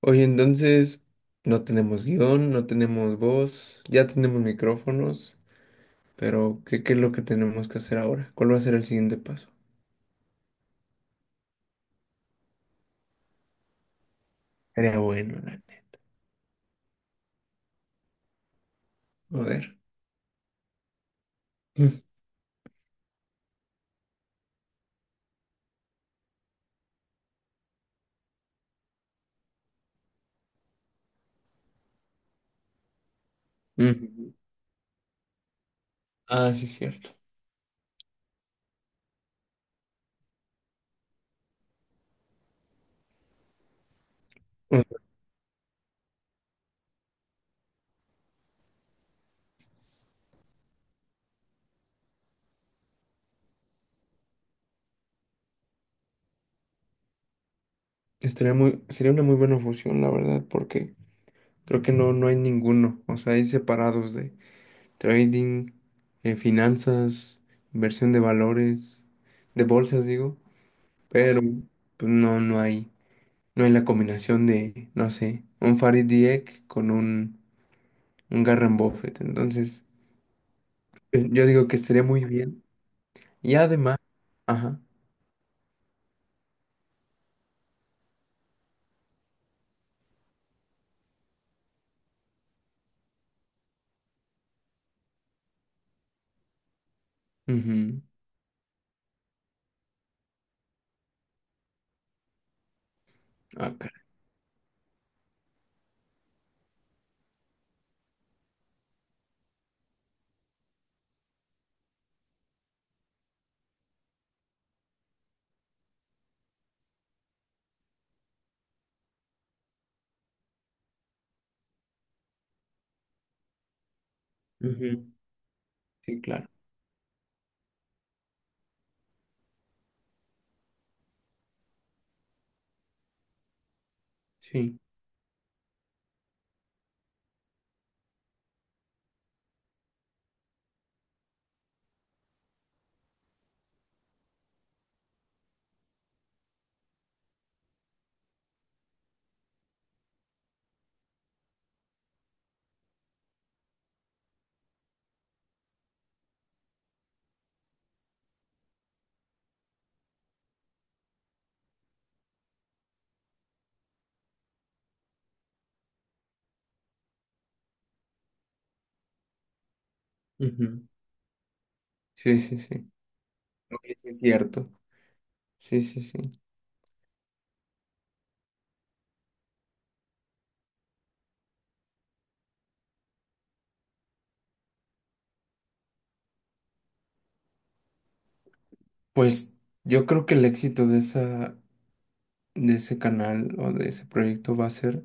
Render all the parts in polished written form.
Oye, entonces no tenemos guión, no tenemos voz, ya tenemos micrófonos, pero ¿qué es lo que tenemos que hacer ahora? ¿Cuál va a ser el siguiente paso? Sería bueno, la neta. A ver. Mm. Mm. Ah, sí, cierto. Mm. Sería una muy buena fusión, la verdad, porque creo que no hay ninguno. O sea, hay separados de trading, finanzas, inversión de valores, de bolsas, digo, pero pues no hay. No en la combinación de, no sé, un Farid Dieck con un Garren Buffett. Entonces, yo digo que estaría muy bien. Y además, ajá. Ujú. Ah, caray. Ujú. Sí, claro. Sí. Ujú. Sí, sí, sí. Oye, sí es cierto. Sí, sí, sí. Pues yo creo que el éxito de de ese canal o de ese proyecto va a ser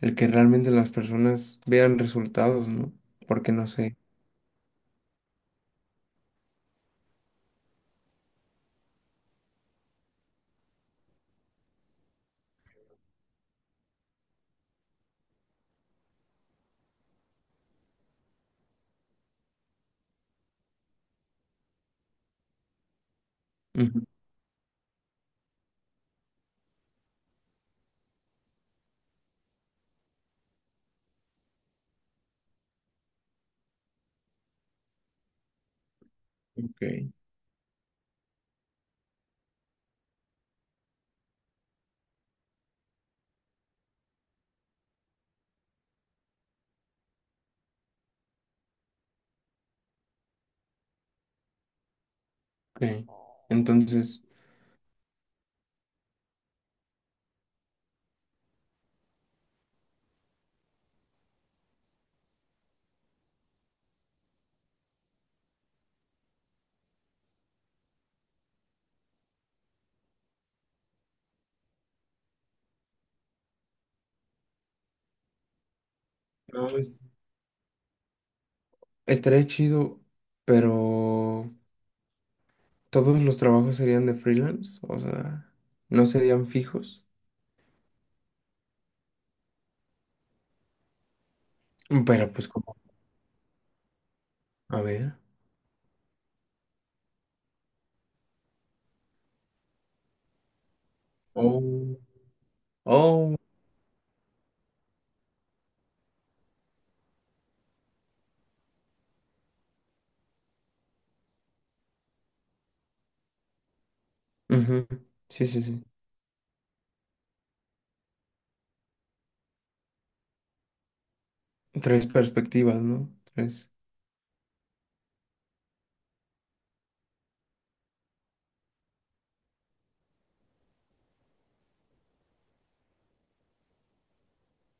el que realmente las personas vean resultados, ¿no? Porque no sé. Ujú. Ok. Ok. Entonces, no, es- Estaría chido, pero todos los trabajos serían de freelance, o sea, no serían fijos. Pero a ver. Oh. Oh. Ujú. Sí, sí, sí. Tres perspectivas, ¿no? Tres.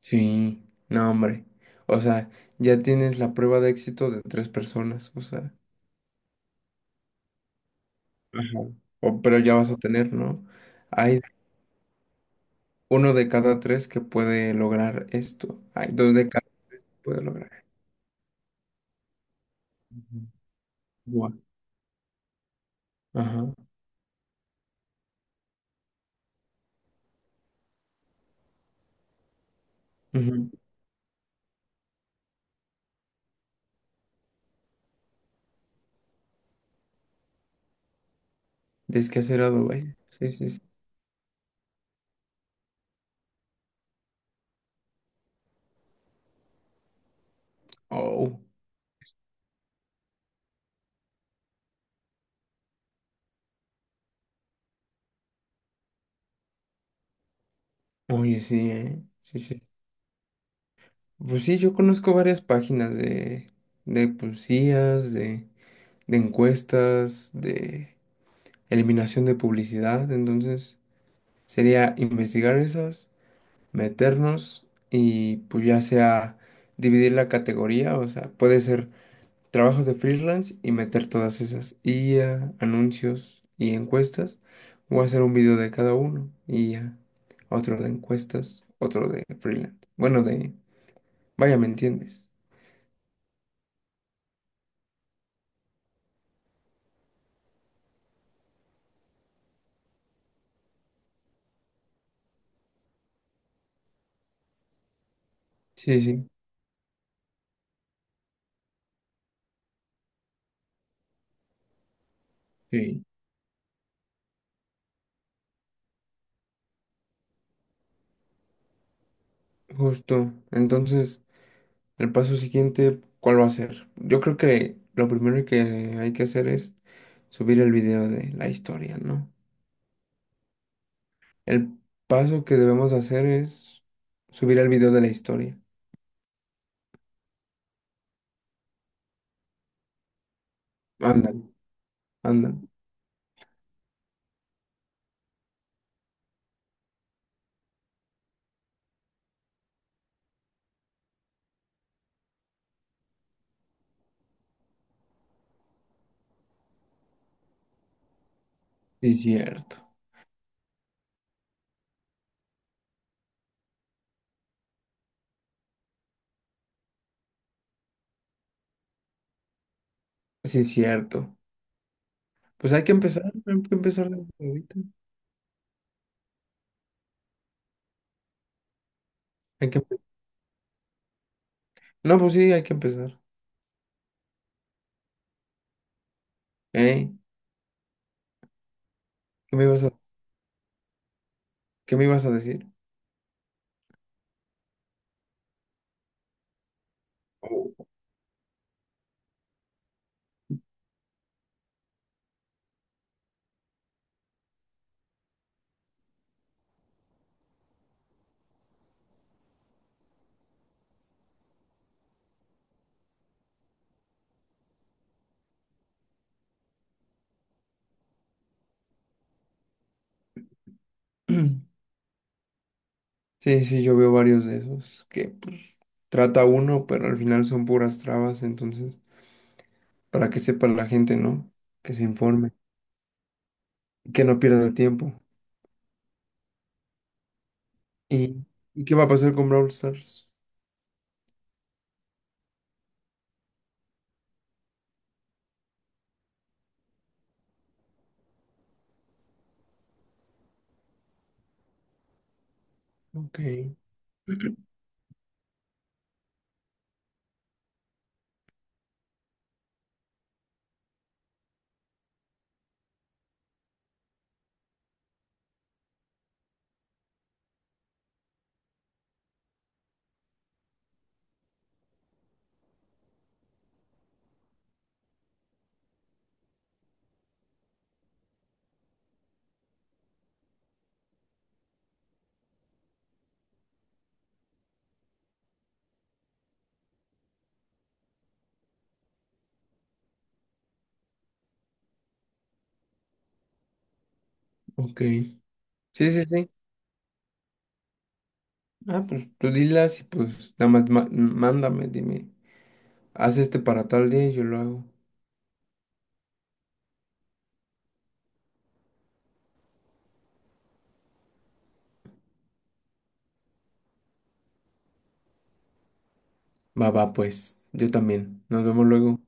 Sí, no, hombre. O sea, ya tienes la prueba de éxito de tres personas, o sea. Ajá. O, pero ya vas a tener, ¿no? Hay uno de cada tres que puede lograr esto. Hay dos de cada que puede lograr. Ujú. Guau. Ajá. Ujú. Descacerado, vaya. Sí, sí, sí. Oh, oye, sí, ¿eh? Sí, sí. Pues sí, yo conozco varias páginas de, de pues, de, de encuestas, de eliminación de publicidad. Entonces, sería investigar esas, meternos y pues ya sea dividir la categoría, o sea, puede ser trabajos de freelance y meter todas esas IA, anuncios y encuestas. Voy a hacer un video de cada uno y ya. Otro de encuestas, otro de freelance. Bueno, de... Vaya, ¿me entiendes? Sí, sí, sí. Justo. Entonces, el paso siguiente, ¿cuál va a ser? Yo creo que lo primero que hay que hacer es subir el video de la historia, ¿no? El paso que debemos hacer es subir el video de la historia. Ándale, ándale. Sí, cierto. Sí, es cierto. Pues hay que empezar desde ahorita. Hay que empe- No, pues sí, hay que empezar. ¿Eh? ¿Qué me ibas a, ¿qué me ibas a decir? Oh. Sí, sí, yo veo varios de esos que pues, trata uno, pero al final son puras trabas, entonces, para que sepa la gente, ¿no? Que se informe, y que no pierda el tiempo. ¿Y, ¿y qué va a pasar con Brawl Stars? Ok, ok. Sí, sí, sí. Ah, pues tú dilas y pues nada más mándame, dime, haz este para tal día y yo lo hago. Va, va, pues. Yo también. Nos vemos luego.